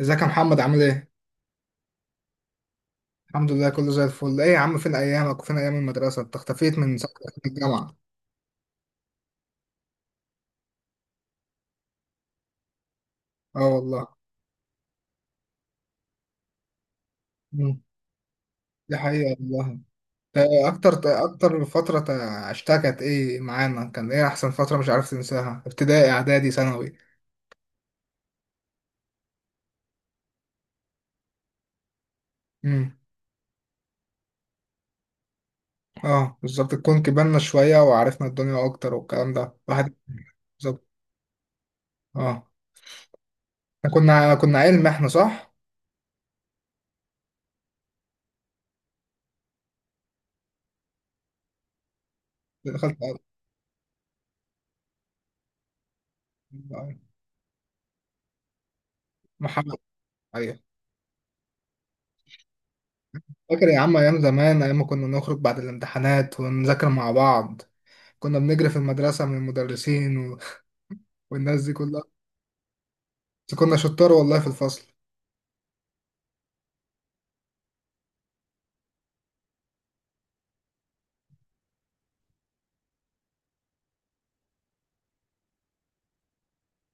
ازيك يا محمد عامل ايه؟ الحمد لله كله زي الفل، ايه يا عم فين ايامك وفين ايام المدرسة؟ انت اختفيت من ساعة ما دخلت الجامعة. اه والله. مم. دي حقيقة والله. اكتر فترة عشتها كانت ايه معانا؟ كان ايه احسن فترة مش عارف تنساها؟ ابتدائي اعدادي ثانوي. امم اه بالظبط، تكون كبرنا شوية وعرفنا الدنيا اكتر والكلام ده، واحد بالظبط، اه. احنا كنا علم احنا صح؟ دخلت محمد. أيوه. فاكر يا عم أيام زمان، أيام ما كنا نخرج بعد الامتحانات ونذاكر مع بعض، كنا بنجري في المدرسة من المدرسين و... والناس دي كلها. بس كنا شطار والله في الفصل.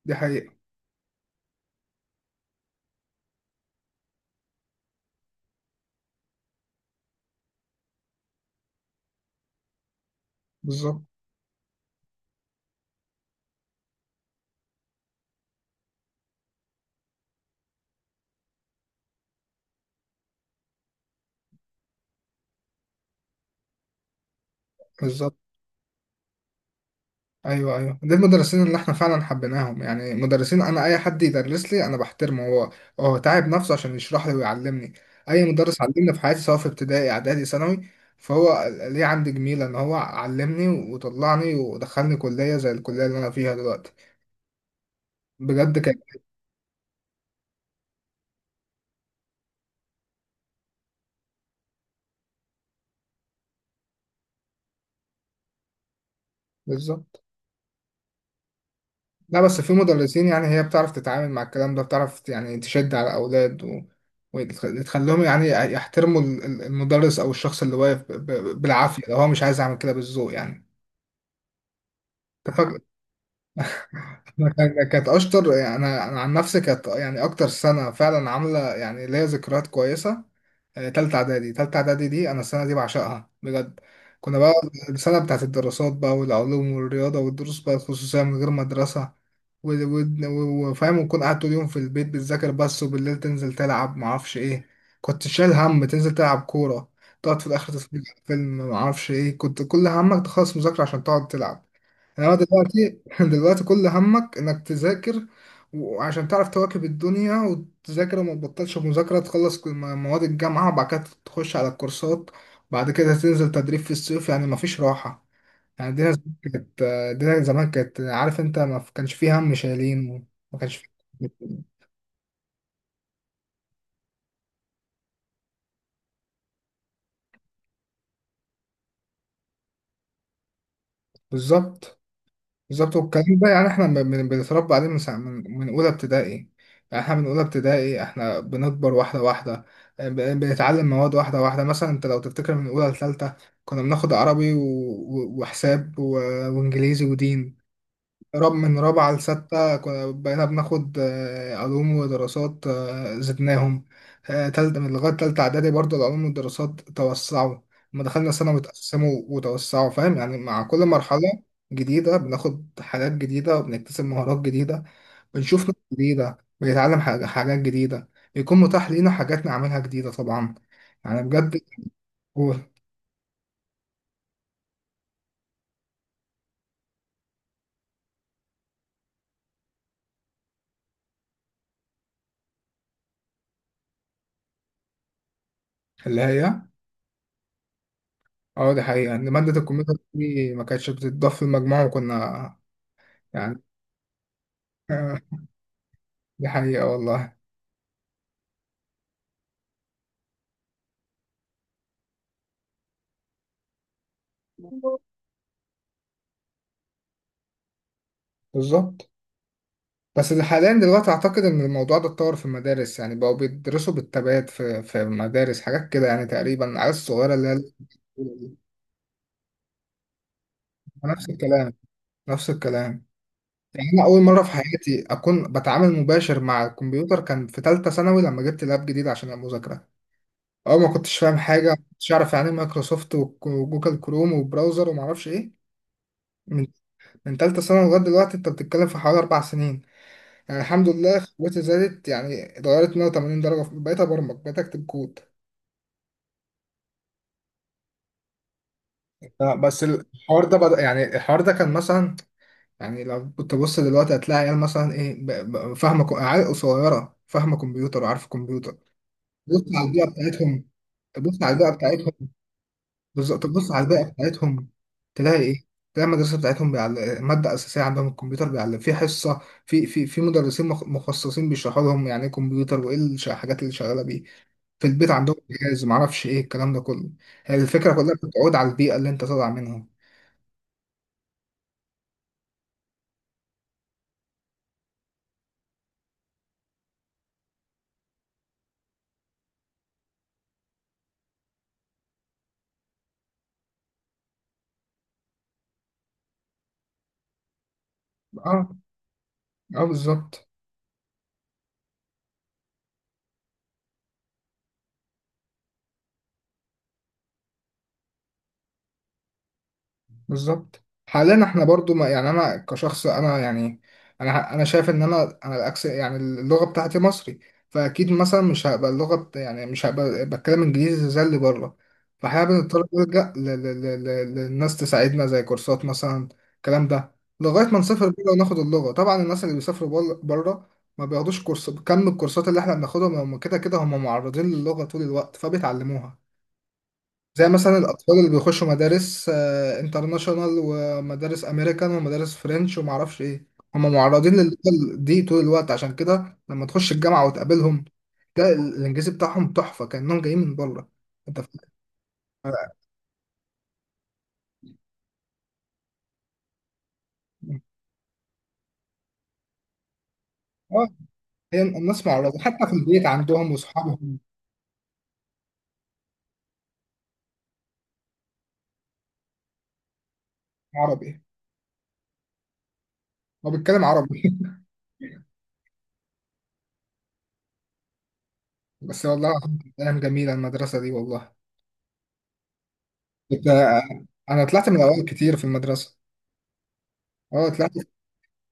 دي حقيقة. بالظبط. بالظبط. أيوه، أيوه، دي المدرسين اللي إحنا فعلا حبيناهم، يعني مدرسين، أنا أي حد يدرس لي أنا بحترمه، هو هو تعب نفسه عشان يشرح لي ويعلمني. أي مدرس علمني في حياتي سواء في ابتدائي إعدادي ثانوي، فهو ليه عندي جميلة إن هو علمني وطلعني ودخلني كلية زي الكلية اللي أنا فيها دلوقتي بجد. كان بالظبط. لا بس في مدرسين، يعني هي بتعرف تتعامل مع الكلام ده، بتعرف يعني تشد على الأولاد و... وتخليهم يعني يحترموا المدرس أو الشخص اللي واقف بالعافية، لو هو مش عايز يعمل كده بالذوق يعني. أنا كانت اشطر، يعني انا عن نفسي كانت يعني اكتر سنه فعلا عامله يعني ليا ذكريات كويسه. آه، تالتة اعدادي، تالتة اعدادي دي انا السنه دي بعشقها بجد. كنا بقى السنه بتاعت الدراسات بقى، والعلوم والرياضه، والدروس بقى الخصوصيه من غير مدرسه، وفاهم، وتكون قاعد طول اليوم في البيت بتذاكر بس، وبالليل تنزل تلعب معرفش ايه. كنت شايل هم تنزل تلعب كوره، تقعد في الاخر تتفرج على فيلم معرفش ايه، كنت كل همك تخلص مذاكره عشان تقعد تلعب. يعني دلوقتي دلوقتي كل همك انك تذاكر، وعشان تعرف تواكب الدنيا وتذاكر وما تبطلش مذاكرة، تخلص مواد الجامعة، وبعد كده تخش على الكورسات، بعد كده تنزل تدريب في الصيف، يعني مفيش راحة. يعني دينا زمان كانت، دينا زمان كانت عارف انت ما كانش فيه هم شايلين، وما كانش فيه. بالظبط. بالظبط، والكلام ده يعني احنا بنتربى عليه من ساعة من اولى ابتدائي، يعني احنا من اولى ابتدائي احنا بنكبر واحده واحده. آه، بنتعلم مواد واحده واحده، مثلا انت لو تفتكر من اولى لثالثه كنا بناخد عربي و- وحساب و... وانجليزي ودين. رب من رابعة لستة كنا بقينا بناخد، آه، علوم ودراسات، آه، زدناهم. آه، تالتة من لغاية تالتة إعدادي برضه العلوم والدراسات توسعوا. لما دخلنا ثانوي اتقسموا وتوسعوا، فاهم يعني. مع كل مرحلة جديدة بناخد حاجات جديدة، وبنكتسب مهارات جديدة، بنشوف ناس جديدة، بنتعلم حاجات جديدة، بيكون متاح لينا حاجات نعملها جديدة طبعا، يعني بجد. هو اللي هي، اه دي حقيقة إن مادة الكمبيوتر دي ما كانتش بتتضاف في المجموع وكنا يعني، آه. دي حقيقة والله. بالظبط. بس ده حاليا دلوقتي أعتقد إن الموضوع ده اتطور في المدارس، يعني بقوا بيدرسوا بالتبادل في مدارس حاجات كده، يعني تقريبا العيال الصغيرة اللي هي الأولى دي. نفس الكلام، نفس الكلام. يعني أنا أول مرة في حياتي أكون بتعامل مباشر مع الكمبيوتر كان في تالتة ثانوي لما جبت لاب جديد عشان المذاكرة. أول ما كنتش فاهم حاجة، ما كنتش أعرف يعني إيه مايكروسوفت وجوجل كروم وبراوزر ومعرفش إيه. من من تالتة ثانوي لغاية دلوقتي أنت بتتكلم في حوالي 4 سنين، يعني الحمد لله قوتي زادت، يعني اتغيرت 180 درجة، بقيت أبرمج بقيت أكتب كود. آه، بس الحوار ده بدأ، يعني الحوار ده كان مثلا، يعني لو بتبص دلوقتي هتلاقي عيال مثلا إيه فاهمة عيال صغيرة فاهمة كمبيوتر وعارفة كمبيوتر، بص على البيئة بتاعتهم. تبص على البيئة بتاعتهم. بالظبط، تبص على البيئة بتاعتهم، تلاقي إيه؟ تلاقي المدرسة بتاعتهم بيعلم مادة أساسية عندهم الكمبيوتر، بيعلم في حصة، في مدرسين مخصصين بيشرحوا لهم يعني إيه كمبيوتر، وإيه الحاجات اللي شغالة بيه، في البيت عندهم جهاز معرفش ايه الكلام ده كله. هي الفكرة كلها بتعود على البيئة اللي انت طالع منها. اه، اه بالظبط. بالظبط، حاليا احنا برضو ما، يعني انا كشخص انا يعني، انا شايف ان انا الاكس، يعني اللغه بتاعتي مصري، فاكيد مثلا مش هبقى اللغه يعني مش هبقى بتكلم انجليزي زي اللي بره، فاحنا بنضطر نلجا للناس تساعدنا زي كورسات مثلا، الكلام ده لغايه ما نسافر بره وناخد اللغه. طبعا الناس اللي بيسافروا بره ما بياخدوش كورس كم الكورسات اللي احنا بناخدها، ما هم كده كده هم معرضين للغه طول الوقت فبيتعلموها. زي مثلا الأطفال اللي بيخشوا مدارس، آه، انترناشونال ومدارس أمريكان ومدارس فرنش ومعرفش إيه، هم معرضين لللغة دي طول الوقت، عشان كده لما تخش الجامعة وتقابلهم تلاقي الإنجليزي بتاعهم تحفة كأنهم جايين من بره. أنت فاهم؟ آه. آه، هي الناس معرضة حتى في البيت عندهم وأصحابهم. عربي. هو بيتكلم عربي. بس والله العظيم كانت أيام جميلة المدرسة دي والله. آه، أنا طلعت من الأوائل كتير في المدرسة. أه طلعت،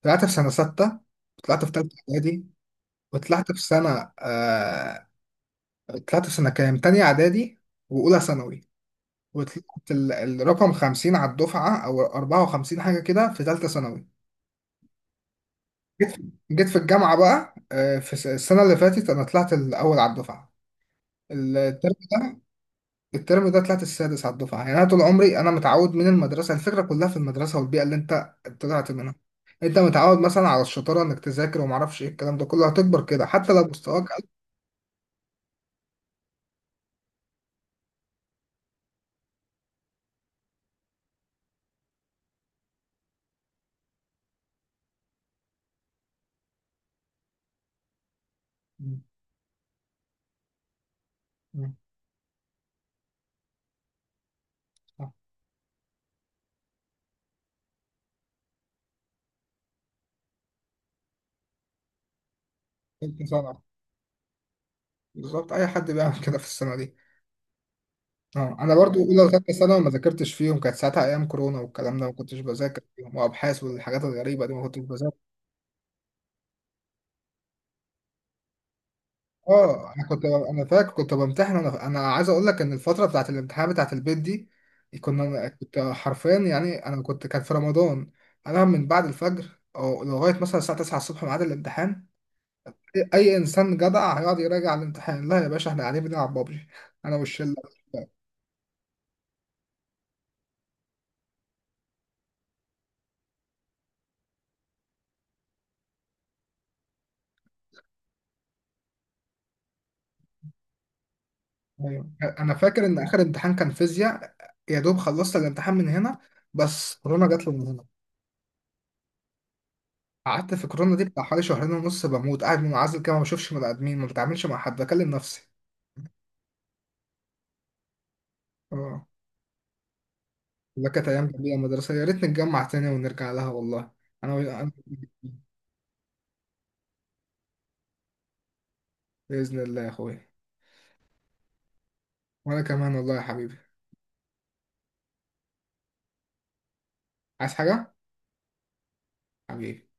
طلعت في سنة ستة، طلعت في تالتة إعدادي، وطلعت في سنة، طلعت في سنة كام، تانية إعدادي وأولى ثانوي، وطلعت الرقم 50 على الدفعة أو 54 حاجة كده في تالتة ثانوي. جيت في جيت في الجامعة بقى، آه، في السنة اللي فاتت أنا طلعت الأول على الدفعة. الترم ده، الترم ده طلعت السادس على الدفعة، يعني أنا طول عمري أنا متعود من المدرسة، الفكرة كلها في المدرسة والبيئة اللي أنت طلعت منها، أنت متعود مثلا على الشطارة إنك تذاكر ومعرفش إيه الكلام ده كله، هتكبر كده حتى لو مستواك أقل. م- م- صح. تالتة ثانوي، بالظبط اي حد بيعمل كده في السنه دي. اه انا برضو اولى وثانيه ثانوي ما ذاكرتش فيهم، كانت ساعتها ايام كورونا والكلام ده، ما كنتش بذاكر فيهم، وابحاث والحاجات الغريبه دي ما كنتش بذاكر. اه، انا كنت، انا فاكر كنت بمتحن، انا عايز اقول لك ان الفتره بتاعت الامتحان بتاعت البيت دي كنت حرفيا، يعني انا كنت كان في رمضان، انا من بعد الفجر او لغايه مثلا الساعه 9 الصبح ميعاد الامتحان، اي إنسان جدع هيقعد يراجع الامتحان؟ لا يا باشا، احنا قاعدين بنلعب بابجي، انا والشله. أيوة. انا فاكر ان اخر امتحان كان فيزياء، يا دوب خلصت الامتحان من هنا، بس كورونا جات لي من هنا، قعدت في كورونا دي بتاع حوالي شهرين ونص بموت قاعد منعزل كده، ما بشوفش بني ادمين ما بتعاملش مع حد بكلم نفسي. اه. لا كانت ايام جميله مدرسه، يا ريت نتجمع تاني ونرجع لها والله. انا أنا- باذن الله يا اخويا. وانا كمان والله يا حبيبي. عايز حاجه؟ حبيبي.